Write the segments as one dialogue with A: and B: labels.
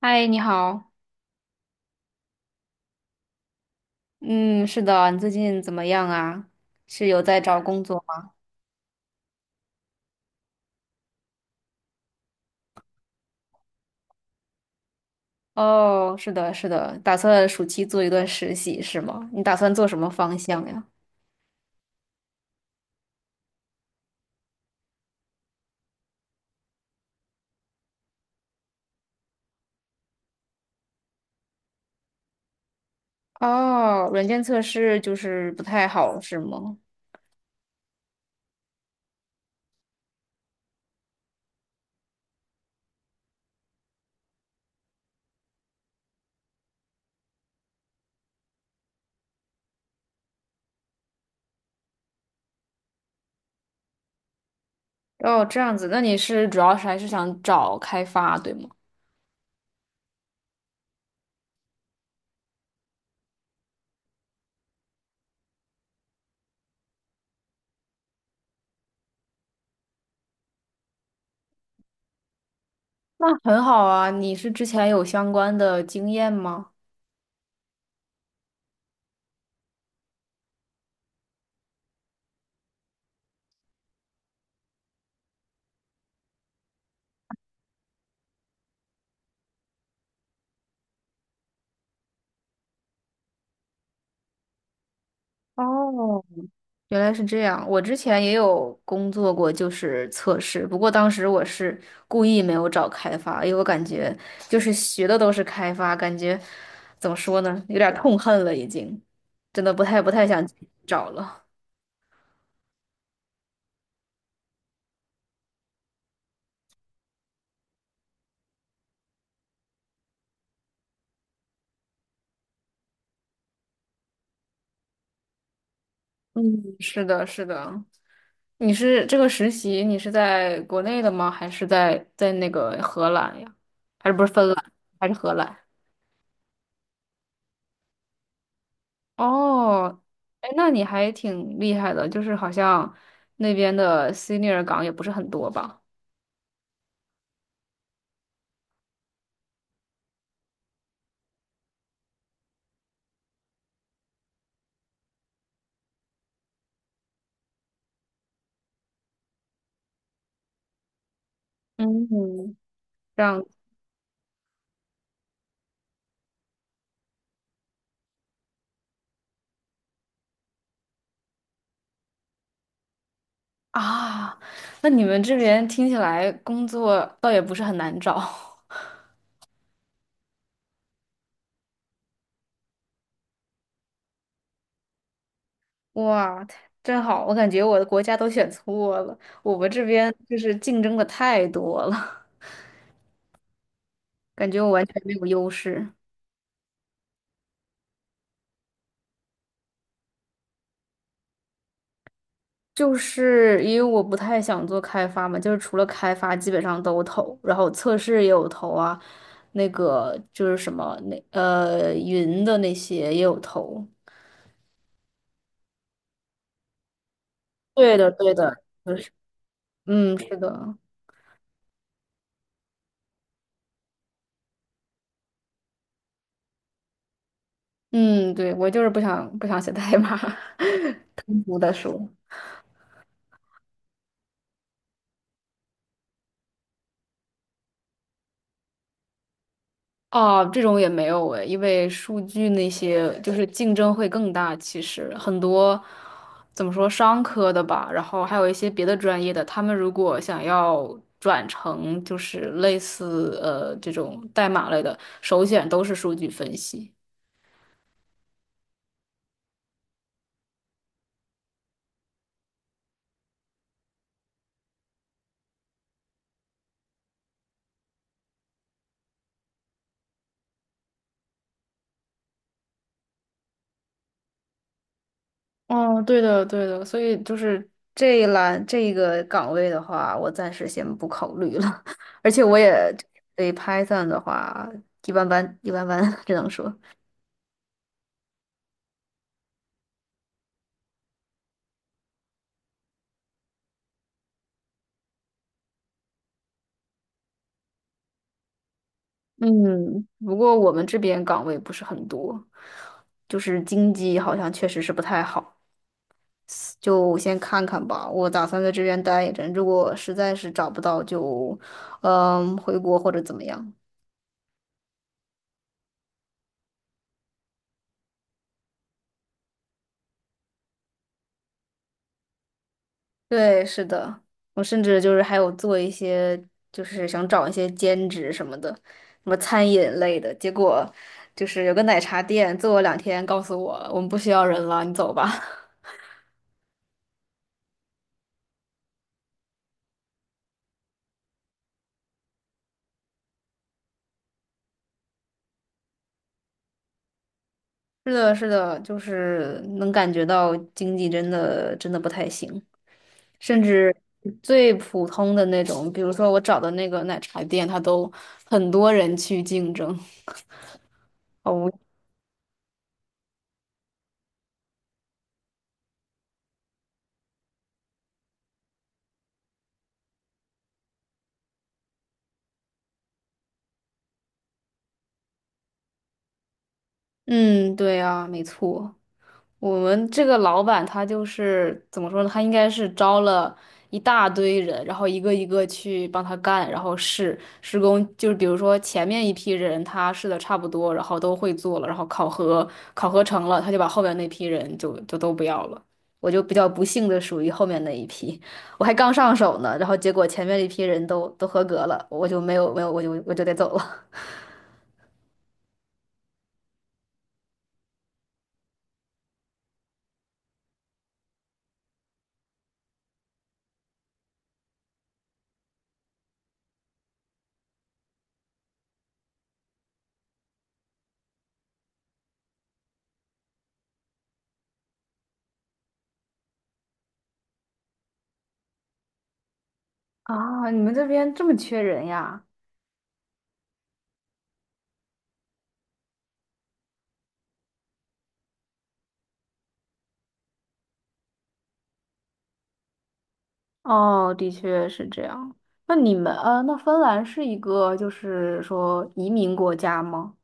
A: 嗨，你好。嗯，是的，你最近怎么样啊？是有在找工作吗？哦，是的，是的，打算暑期做一段实习是吗？你打算做什么方向呀？哦，软件测试就是不太好是吗？哦，这样子，那你是主要是还是想找开发，对吗？那很好啊，你是之前有相关的经验吗？哦，原来是这样，我之前也有工作过，就是测试。不过当时我是故意没有找开发，因为我感觉就是学的都是开发，感觉怎么说呢，有点儿痛恨了，已经，真的不太想找了。嗯，是的，是的。你是这个实习，你是在国内的吗？还是在那个荷兰呀？还是不是芬兰？还是荷兰？哦，哎，那你还挺厉害的，就是好像那边的 senior 岗也不是很多吧？嗯，这样啊，那你们这边听起来工作倒也不是很难找。哇，太真好，我感觉我的国家都选错了，我们这边就是竞争的太多了，感觉我完全没有优势。就是因为我不太想做开发嘛，就是除了开发基本上都投，然后测试也有投啊，那个就是什么那云的那些也有投。对的，对的，就是嗯，是的，嗯，对，我就是不想写代码，通俗的说。哦，这种也没有诶，因为数据那些就是竞争会更大。其实很多怎么说商科的吧，然后还有一些别的专业的，他们如果想要转成就是类似这种代码类的，首选都是数据分析。哦，对的，对的，所以就是这一栏这一个岗位的话，我暂时先不考虑了。而且我也对 Python 的话，一般般，一般般，只能说。嗯，不过我们这边岗位不是很多，就是经济好像确实是不太好，就先看看吧。我打算在这边待一阵，如果实在是找不到就，嗯，回国或者怎么样。对，是的，我甚至就是还有做一些，就是想找一些兼职什么的，什么餐饮类的。结果就是有个奶茶店做了两天，告诉我们不需要人了，你走吧。是的，是的，就是能感觉到经济真的不太行，甚至最普通的那种，比如说我找的那个奶茶店，它都很多人去竞争。哦，嗯，对啊，没错。我们这个老板他就是怎么说呢？他应该是招了一大堆人，然后一个一个去帮他干，然后试施工。就是比如说前面一批人他试的差不多，然后都会做了，然后考核成了，他就把后面那批人就都不要了。我就比较不幸的属于后面那一批，我还刚上手呢，然后结果前面一批人都合格了，我就没有，我就得走了。啊，你们这边这么缺人呀？哦，的确是这样。那你们，那芬兰是一个就是说移民国家吗？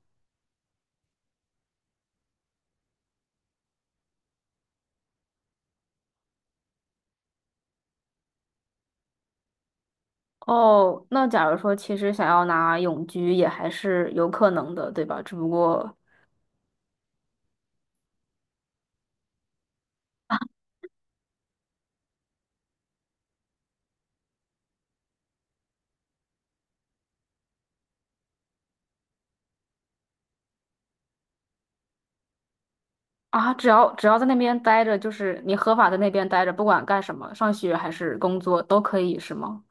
A: 哦，那假如说其实想要拿永居也还是有可能的，对吧？只不过啊，只要在那边待着，就是你合法在那边待着，不管干什么，上学还是工作都可以，是吗？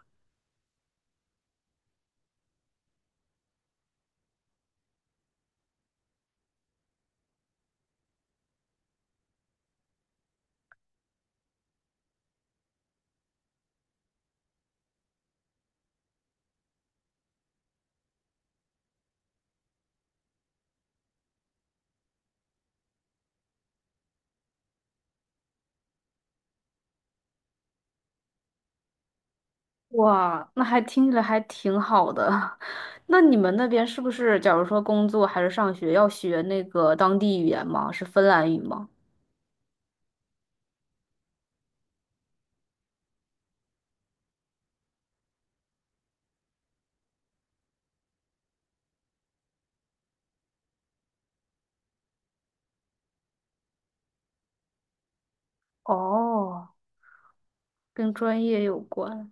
A: 哇，那还听着还挺好的。那你们那边是不是，假如说工作还是上学，要学那个当地语言吗？是芬兰语吗？哦。跟专业有关。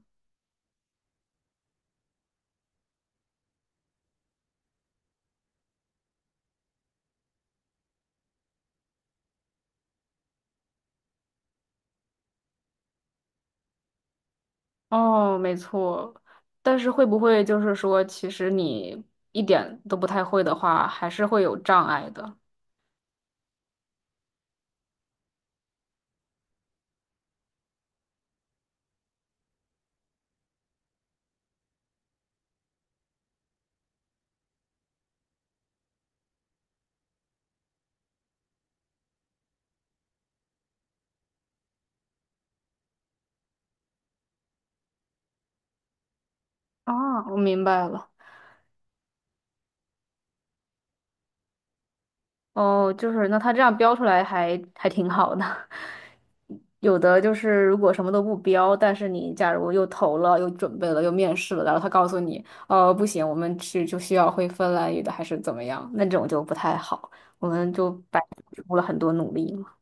A: 哦，没错。但是会不会就是说，其实你一点都不太会的话，还是会有障碍的？啊，我明白了。哦，就是那他这样标出来还挺好的。有的就是如果什么都不标，但是你假如又投了、又准备了、又面试了，然后他告诉你，哦，不行，我们去就需要会芬兰语的，还是怎么样？那种就不太好，我们就白付出了很多努力嘛。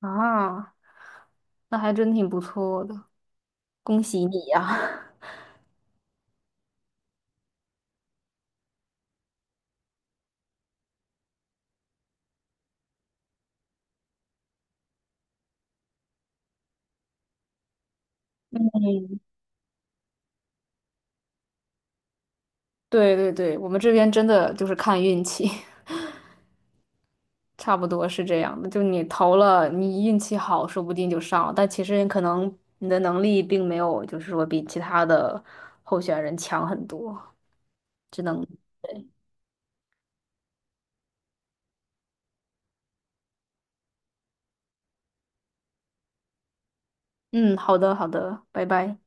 A: 啊，那还真挺不错的。恭喜你呀、对对对，我们这边真的就是看运气，差不多是这样的。就你投了，你运气好，说不定就上了。但其实可能你的能力并没有，就是说比其他的候选人强很多。只能，嗯，好的，好的，拜拜。